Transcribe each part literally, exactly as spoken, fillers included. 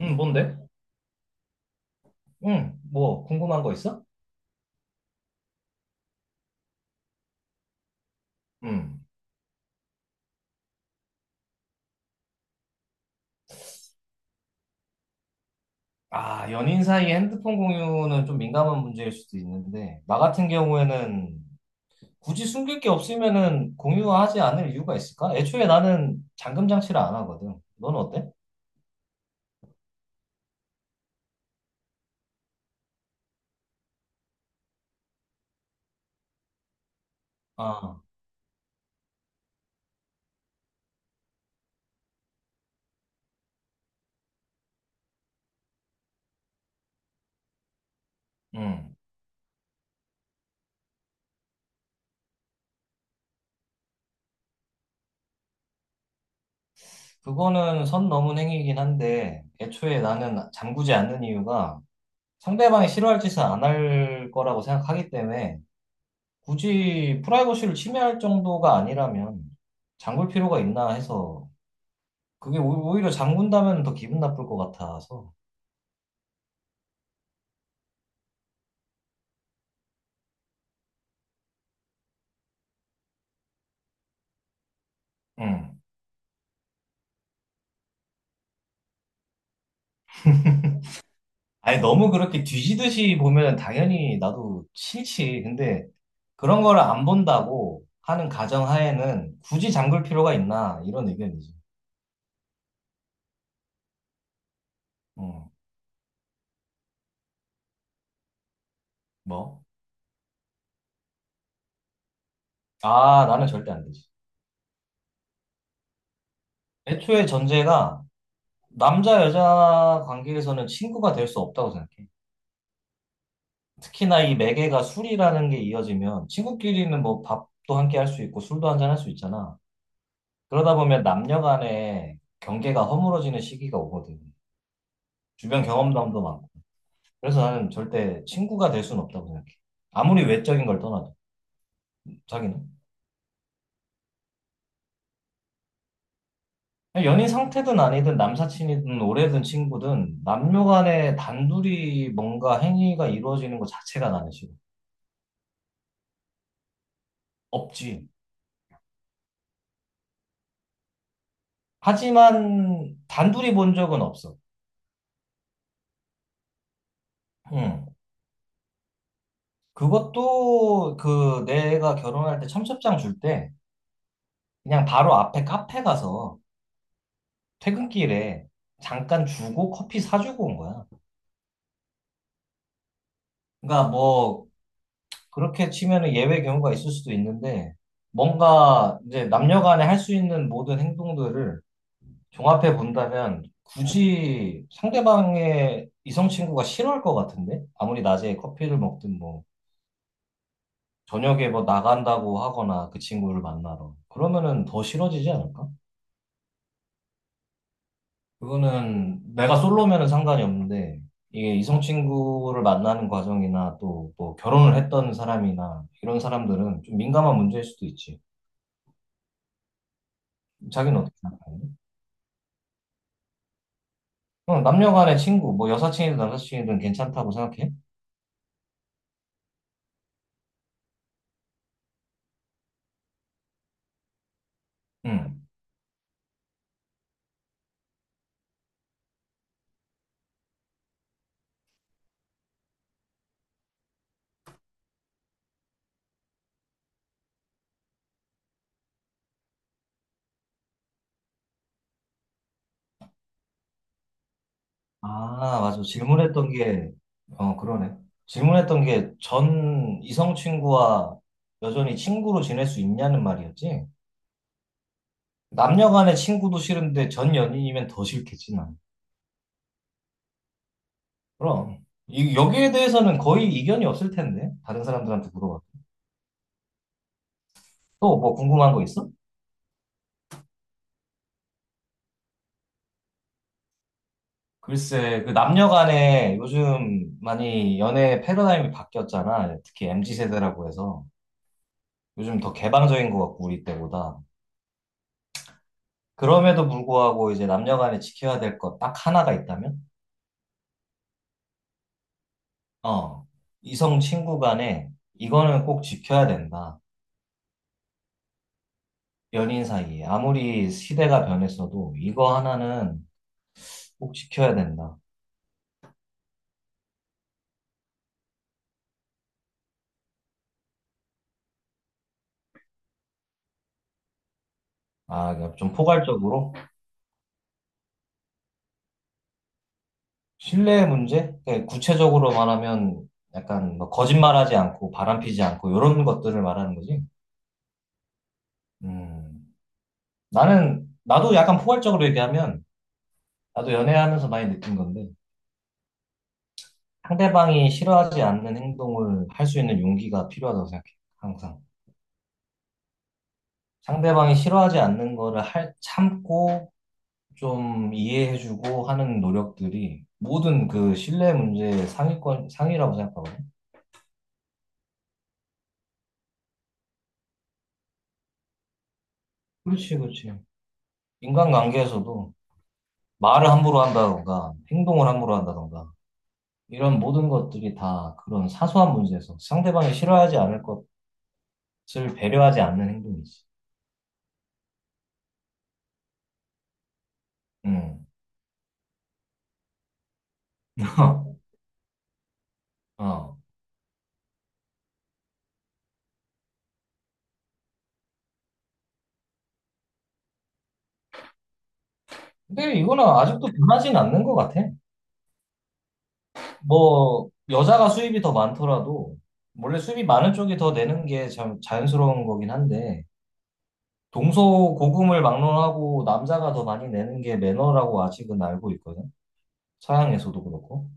응, 뭔데? 응, 뭐, 궁금한 거 있어? 응. 아, 연인 사이에 핸드폰 공유는 좀 민감한 문제일 수도 있는데, 나 같은 경우에는 굳이 숨길 게 없으면은 공유하지 않을 이유가 있을까? 애초에 나는 잠금 장치를 안 하거든. 넌 어때? 아, 응. 그거는 선 넘은 행위이긴 한데, 애초에 나는 잠그지 않는 이유가 상대방이 싫어할 짓을 안 할 거라고 생각하기 때문에, 굳이 프라이버시를 침해할 정도가 아니라면, 잠글 필요가 있나 해서 그게 오- 오히려 장군다면 더 기분 나쁠 것 같아서. 응. 아니, 너무 그렇게 뒤지듯이 보면 당연히 나도 싫지. 근데 그런 거를 안 본다고 하는 가정하에는 굳이 잠글 필요가 있나, 이런 의견이지. 응. 뭐? 아, 나는 절대 안 되지. 애초에 전제가 남자, 여자 관계에서는 친구가 될 수 없다고 생각해. 특히나 이 매개가 술이라는 게 이어지면 친구끼리는 뭐 밥도 함께 할 수 있고 술도 한 잔 할 수 있잖아. 그러다 보면 남녀 간의 경계가 허물어지는 시기가 오거든. 주변 경험담도 많고. 그래서 나는 절대 친구가 될 수는 없다고 생각해. 아무리 외적인 걸 떠나도. 자기는? 연인 상태든 아니든 남사친이든 오래된 친구든 남녀 간에 단둘이 뭔가 행위가 이루어지는 것 자체가 나는 싫어. 없지. 하지만 단둘이 본 적은 없어. 응. 그것도 그 내가 결혼할 때 청첩장 줄 때 그냥 바로 앞에 카페 가서 퇴근길에 잠깐 주고 커피 사주고 온 거야. 그러니까 뭐 그렇게 치면은 예외 경우가 있을 수도 있는데 뭔가 이제 남녀 간에 할 수 있는 모든 행동들을 종합해 본다면 굳이 상대방의 이성 친구가 싫어할 것 같은데 아무리 낮에 커피를 먹든 뭐 저녁에 뭐 나간다고 하거나 그 친구를 만나러 그러면은 더 싫어지지 않을까? 그거는 내가 솔로면은 상관이 없는데 이게 이성 친구를 만나는 과정이나 또 뭐 결혼을 했던 사람이나 이런 사람들은 좀 민감한 문제일 수도 있지. 자기는 어떻게 생각하니? 그럼 남녀 간의 친구, 뭐 여사친이든 남사친이든 괜찮다고 생각해? 응. 아, 맞아. 질문했던 게, 어, 그러네. 질문했던 게 전 이성 친구와 여전히 친구로 지낼 수 있냐는 말이었지? 남녀 간의 친구도 싫은데 전 연인이면 더 싫겠지, 나. 그럼 이, 여기에 대해서는 거의 이견이 없을 텐데 다른 사람들한테 물어봐. 또 뭐 궁금한 거 있어? 글쎄, 그 남녀 간에 요즘 많이 연애 패러다임이 바뀌었잖아. 특히 엠지 세대라고 해서 요즘 더 개방적인 것 같고 우리 때보다. 그럼에도 불구하고 이제 남녀 간에 지켜야 될 것 딱 하나가 있다면, 어, 이성 친구 간에 이거는 꼭 지켜야 된다. 연인 사이에 아무리 시대가 변했어도 이거 하나는 꼭 지켜야 된다. 아, 그러니까 좀 포괄적으로? 신뢰의 문제? 예, 구체적으로 말하면 약간 뭐 거짓말하지 않고 바람피지 않고 이런 것들을 말하는 거지. 음, 나는 나도 약간 포괄적으로 얘기하면 나도 연애하면서 많이 느낀 건데 상대방이 싫어하지 않는 행동을 할 수 있는 용기가 필요하다고 생각해. 항상 상대방이 싫어하지 않는 거를 할 참고 좀 이해해주고 하는 노력들이 모든 그 신뢰 문제의 상위권 상위라고 생각하거든. 그렇지, 그렇지. 인간관계에서도 말을 함부로 한다던가, 행동을 함부로 한다던가, 이런 모든 것들이 다 그런 사소한 문제에서 상대방이 싫어하지 않을 것을 배려하지 않는 행동이지. 음. 어. 근데 이거는 아직도 변하진 않는 것 같아. 뭐, 여자가 수입이 더 많더라도, 원래 수입이 많은 쪽이 더 내는 게 참 자연스러운 거긴 한데, 동서고금을 막론하고 남자가 더 많이 내는 게 매너라고 아직은 알고 있거든. 서양에서도 그렇고.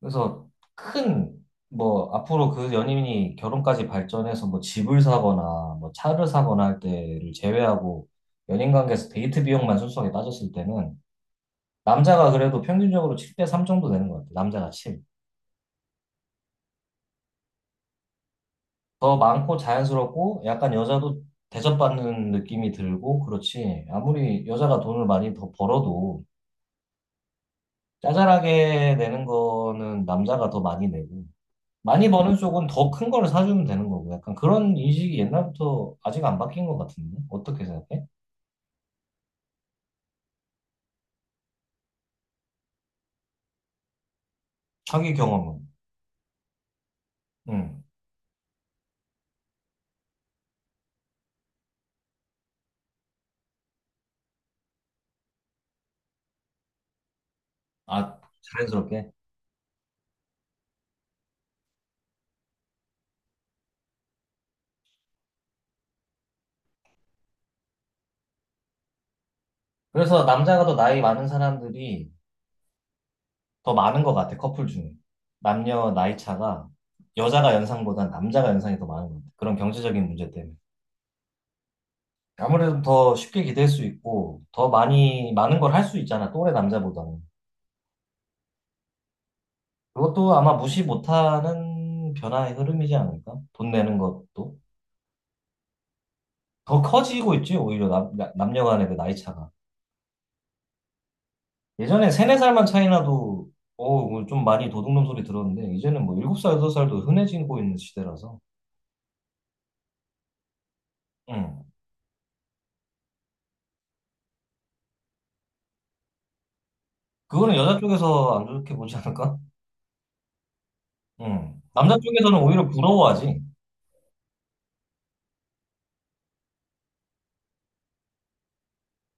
그래서 큰, 뭐, 앞으로 그 연인이 결혼까지 발전해서 뭐 집을 사거나 뭐 차를 사거나 할 때를 제외하고 연인 관계에서 데이트 비용만 순수하게 따졌을 때는 남자가 그래도 평균적으로 칠 대 삼 정도 되는 것 같아요. 남자가 칠. 더 많고 자연스럽고 약간 여자도 대접받는 느낌이 들고 그렇지. 아무리 여자가 돈을 많이 더 벌어도 짜잘하게 내는 거는 남자가 더 많이 내고 많이 버는 쪽은 더 큰 거를 사주면 되는 거고, 약간 그런 인식이 옛날부터 아직 안 바뀐 것 같은데? 어떻게 생각해? 자기 경험은. 응. 아, 자연스럽게. 그래서 남자가 더 나이 많은 사람들이 더 많은 것 같아, 커플 중에. 남녀 나이 차가 여자가 연상보단 남자가 연상이 더 많은 것 같아. 그런 경제적인 문제 때문에. 아무래도 더 쉽게 기댈 수 있고, 더 많이, 많은 걸 할 수 있잖아, 또래 남자보다는. 그것도 아마 무시 못하는 변화의 흐름이지 않을까? 돈 내는 것도. 더 커지고 있지, 오히려 남, 나- 남녀 간의 그 나이 차가. 예전에 세네 살만 차이 나도, 어우, 좀 많이 도둑놈 소리 들었는데, 이제는 뭐 일곱 살, 여덟 살도 흔해지고 있는 시대라서. 응. 그거는 여자 쪽에서 안 좋게 보지 않을까? 응. 남자 쪽에서는 오히려 부러워하지.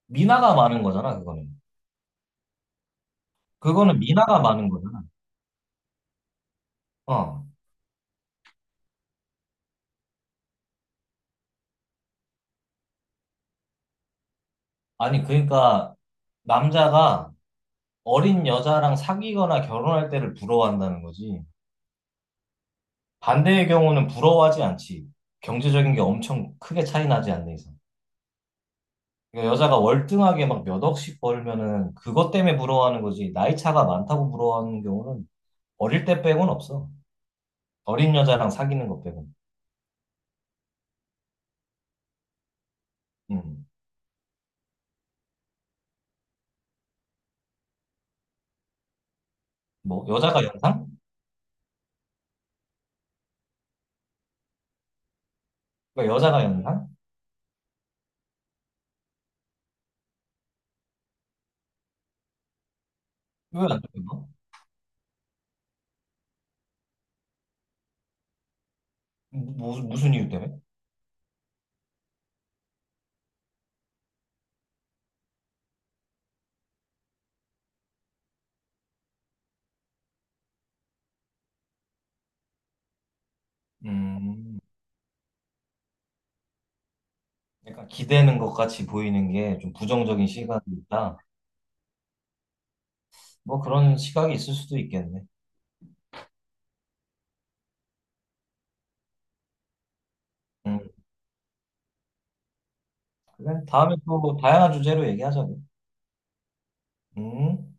미나가 많은 거잖아, 그거는. 그거는 미나가 많은 거잖아. 어. 아니, 그러니까, 남자가 어린 여자랑 사귀거나 결혼할 때를 부러워한다는 거지. 반대의 경우는 부러워하지 않지. 경제적인 게 엄청 크게 차이 나지 않는 이상. 그러니까 여자가 월등하게 막 몇 억씩 벌면은 그것 때문에 부러워하는 거지. 나이 차가 많다고 부러워하는 경우는 어릴 때 빼고는 없어. 어린 여자랑 사귀는 것 빼고는. 음. 뭐, 여자가 연상? 그러니까 여자가 연상? 왜안 되는 무, 무슨 이유 때문에? 음. 약간 기대는 것 같이 보이는 게 좀 부정적인 시각이 있다. 뭐 그런 시각이 있을 수도 있겠네. 음. 그래. 다음에 또 다양한 주제로 얘기하자고. 음.